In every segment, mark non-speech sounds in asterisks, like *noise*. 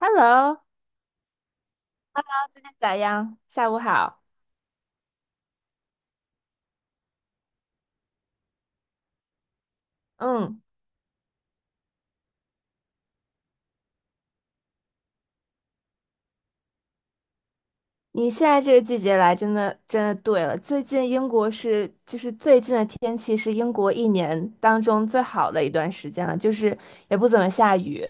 Hello,最近咋样？下午好。嗯，你现在这个季节来，真的对了。最近英国是，就是最近的天气是英国一年当中最好的一段时间了，就是也不怎么下雨。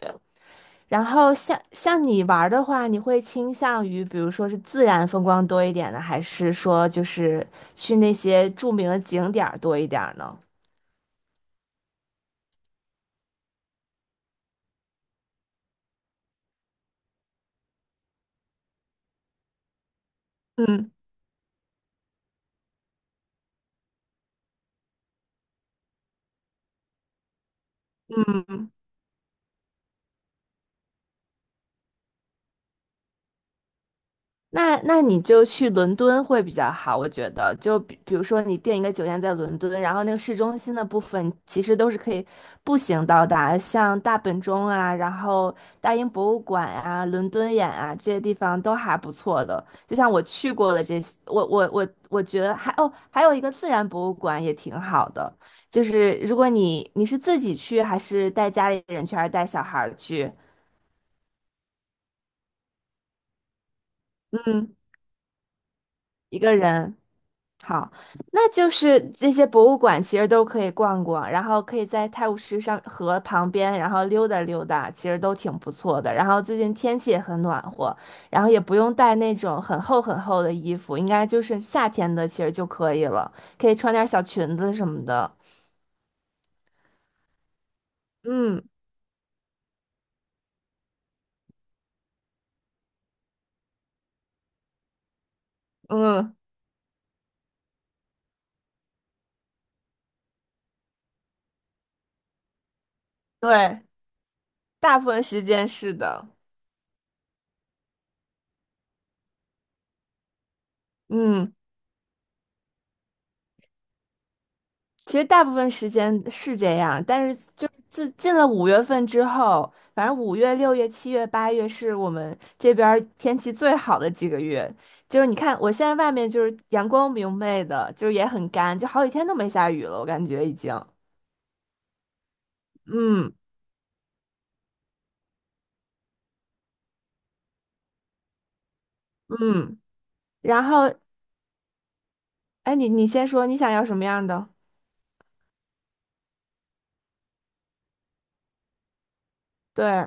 然后像你玩儿的话，你会倾向于比如说是自然风光多一点呢，还是说就是去那些著名的景点儿多一点儿呢？嗯。那那你就去伦敦会比较好，我觉得。就比如说，你订一个酒店在伦敦，然后那个市中心的部分其实都是可以步行到达，像大本钟啊，然后大英博物馆啊、伦敦眼啊这些地方都还不错的。就像我去过的这些，我觉得还哦，还有一个自然博物馆也挺好的。就是如果你是自己去，还是带家里人去，还是带小孩儿去？嗯，一个人。好，那就是这些博物馆其实都可以逛逛，然后可以在泰晤士上河旁边，然后溜达溜达，其实都挺不错的。然后最近天气也很暖和，然后也不用带那种很厚很厚的衣服，应该就是夏天的其实就可以了，可以穿点小裙子什么的。嗯嗯，对，大部分时间是的。嗯。其实大部分时间是这样，但是就是自进了五月份之后，反正五月、六月、七月、八月是我们这边儿天气最好的几个月。就是你看，我现在外面就是阳光明媚的，就是也很干，就好几天都没下雨了，我感觉已经。嗯嗯，然后哎，你先说你想要什么样的？对，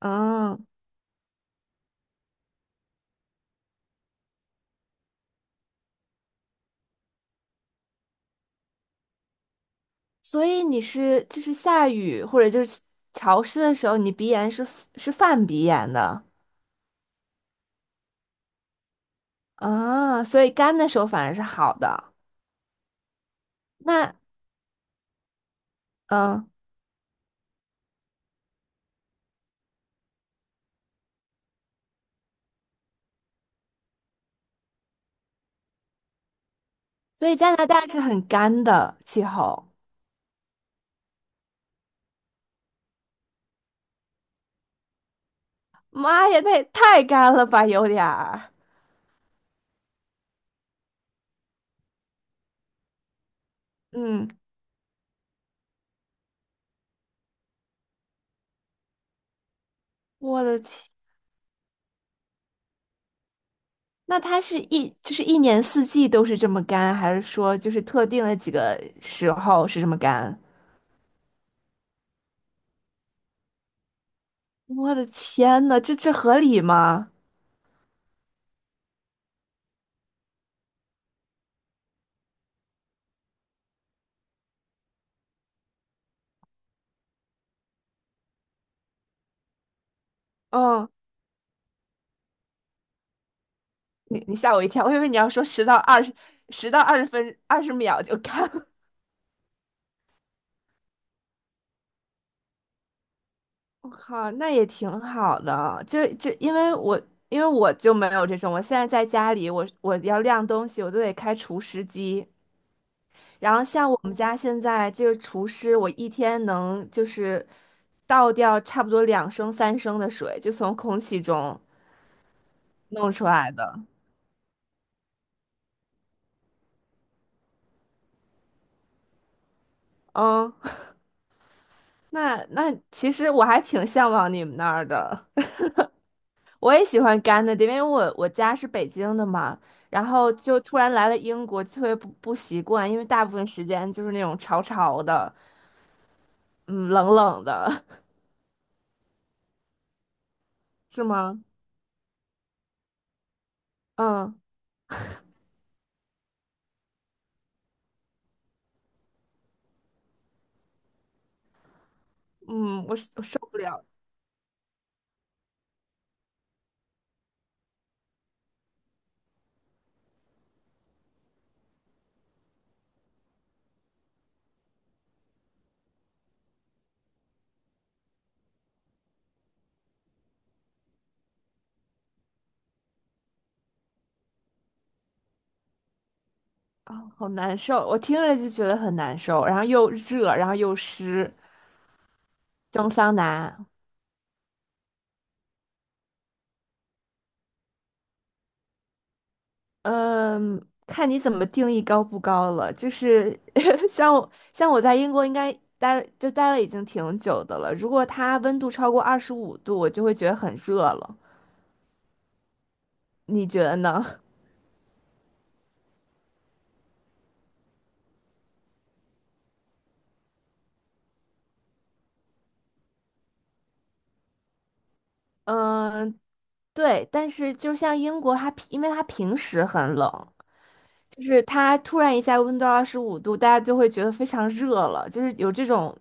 嗯，所以你是就是下雨或者就是潮湿的时候，你鼻炎是犯鼻炎的。啊，所以干的时候反而是好的。那嗯，所以加拿大是很干的气候。妈呀，那也太干了吧，有点儿。嗯，我的天，那它是一就是一年四季都是这么干，还是说就是特定的几个时候是这么干？我的天呐，这合理吗？嗯，你你吓我一跳，我以为你要说十到二十，十到二十分二十秒就干我靠，那也挺好的。就因为我因为我就没有这种，我现在在家里，我要晾东西，我都得开除湿机。然后像我们家现在这个除湿，我一天能就是倒掉差不多两升三升的水，就从空气中弄出来的。嗯，*laughs* 那那其实我还挺向往你们那儿的。我也喜欢干的，因为我我家是北京的嘛，然后就突然来了英国，特别不习惯，因为大部分时间就是那种潮潮的，嗯，冷冷的，*laughs* 是吗？嗯嗯，我是我受不了啊，好难受，我听着就觉得很难受，然后又热，然后又湿，蒸桑拿。嗯，看你怎么定义高不高了。就是 *laughs* 像我在英国应该待就待了已经挺久的了。如果它温度超过二十五度，我就会觉得很热了。你觉得呢？*laughs* 嗯，对。但是就像英国，它平因为它平时很冷，就是它突然一下温度二十五度，大家就会觉得非常热了。就是有这种，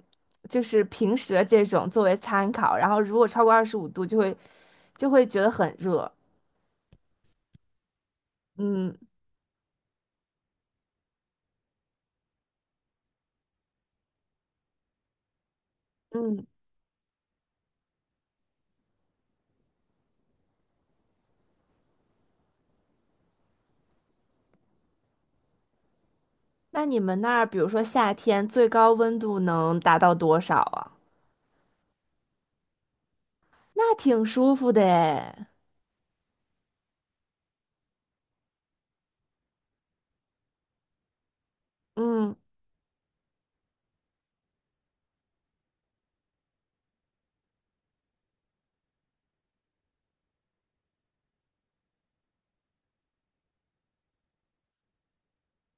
就是平时的这种作为参考。然后如果超过二十五度，就会觉得很热。嗯。嗯，那你们那儿，比如说夏天，最高温度能达到多少啊？那挺舒服的诶。嗯，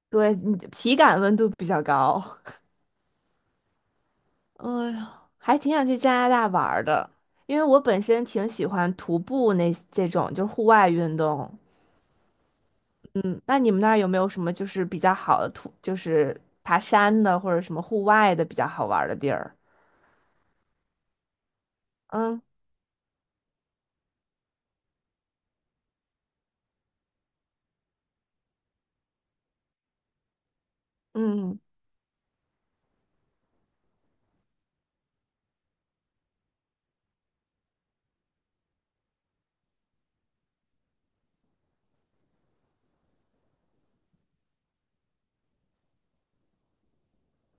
对，你体感温度比较高。*laughs* 哎呀，还挺想去加拿大玩儿的，因为我本身挺喜欢徒步那这种，就是户外运动。嗯，那你们那儿有没有什么就是比较好的徒，就是爬山的或者什么户外的比较好玩儿的地儿？嗯嗯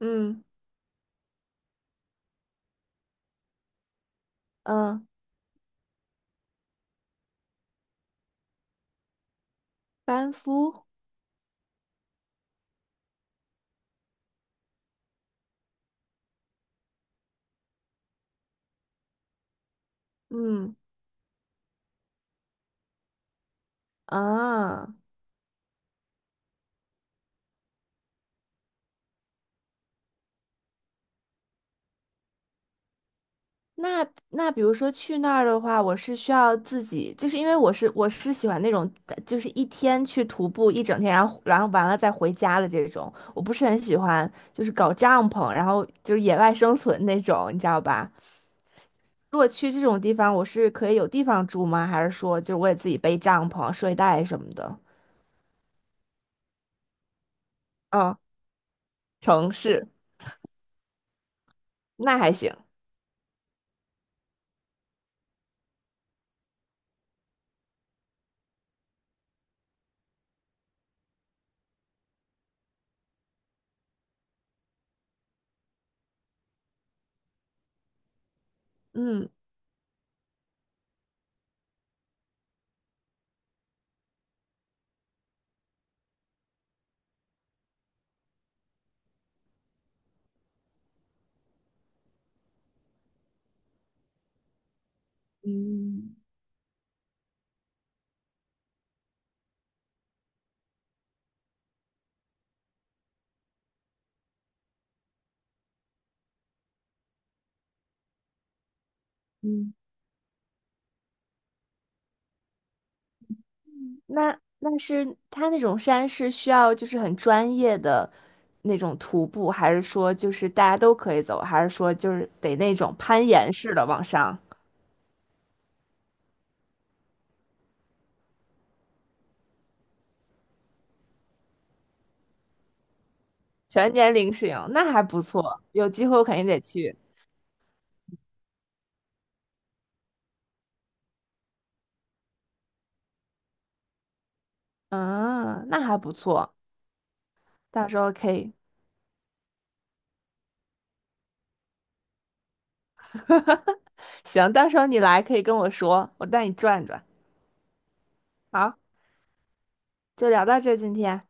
嗯嗯，班夫，嗯啊。那那比如说去那儿的话，我是需要自己，就是因为我是喜欢那种，就是一天去徒步一整天，然后然后完了再回家的这种，我不是很喜欢，就是搞帐篷，然后就是野外生存那种，你知道吧？如果去这种地方，我是可以有地方住吗？还是说就是我得自己背帐篷、睡袋什么的？哦，城市，那还行，嗯。嗯，那那是他那种山是需要就是很专业的那种徒步，还是说就是大家都可以走，还是说就是得那种攀岩式的往上，全年龄适应？那还不错，有机会我肯定得去。嗯，那还不错，到时候可以，*laughs* 行，到时候你来可以跟我说，我带你转转。好，就聊到这，今天。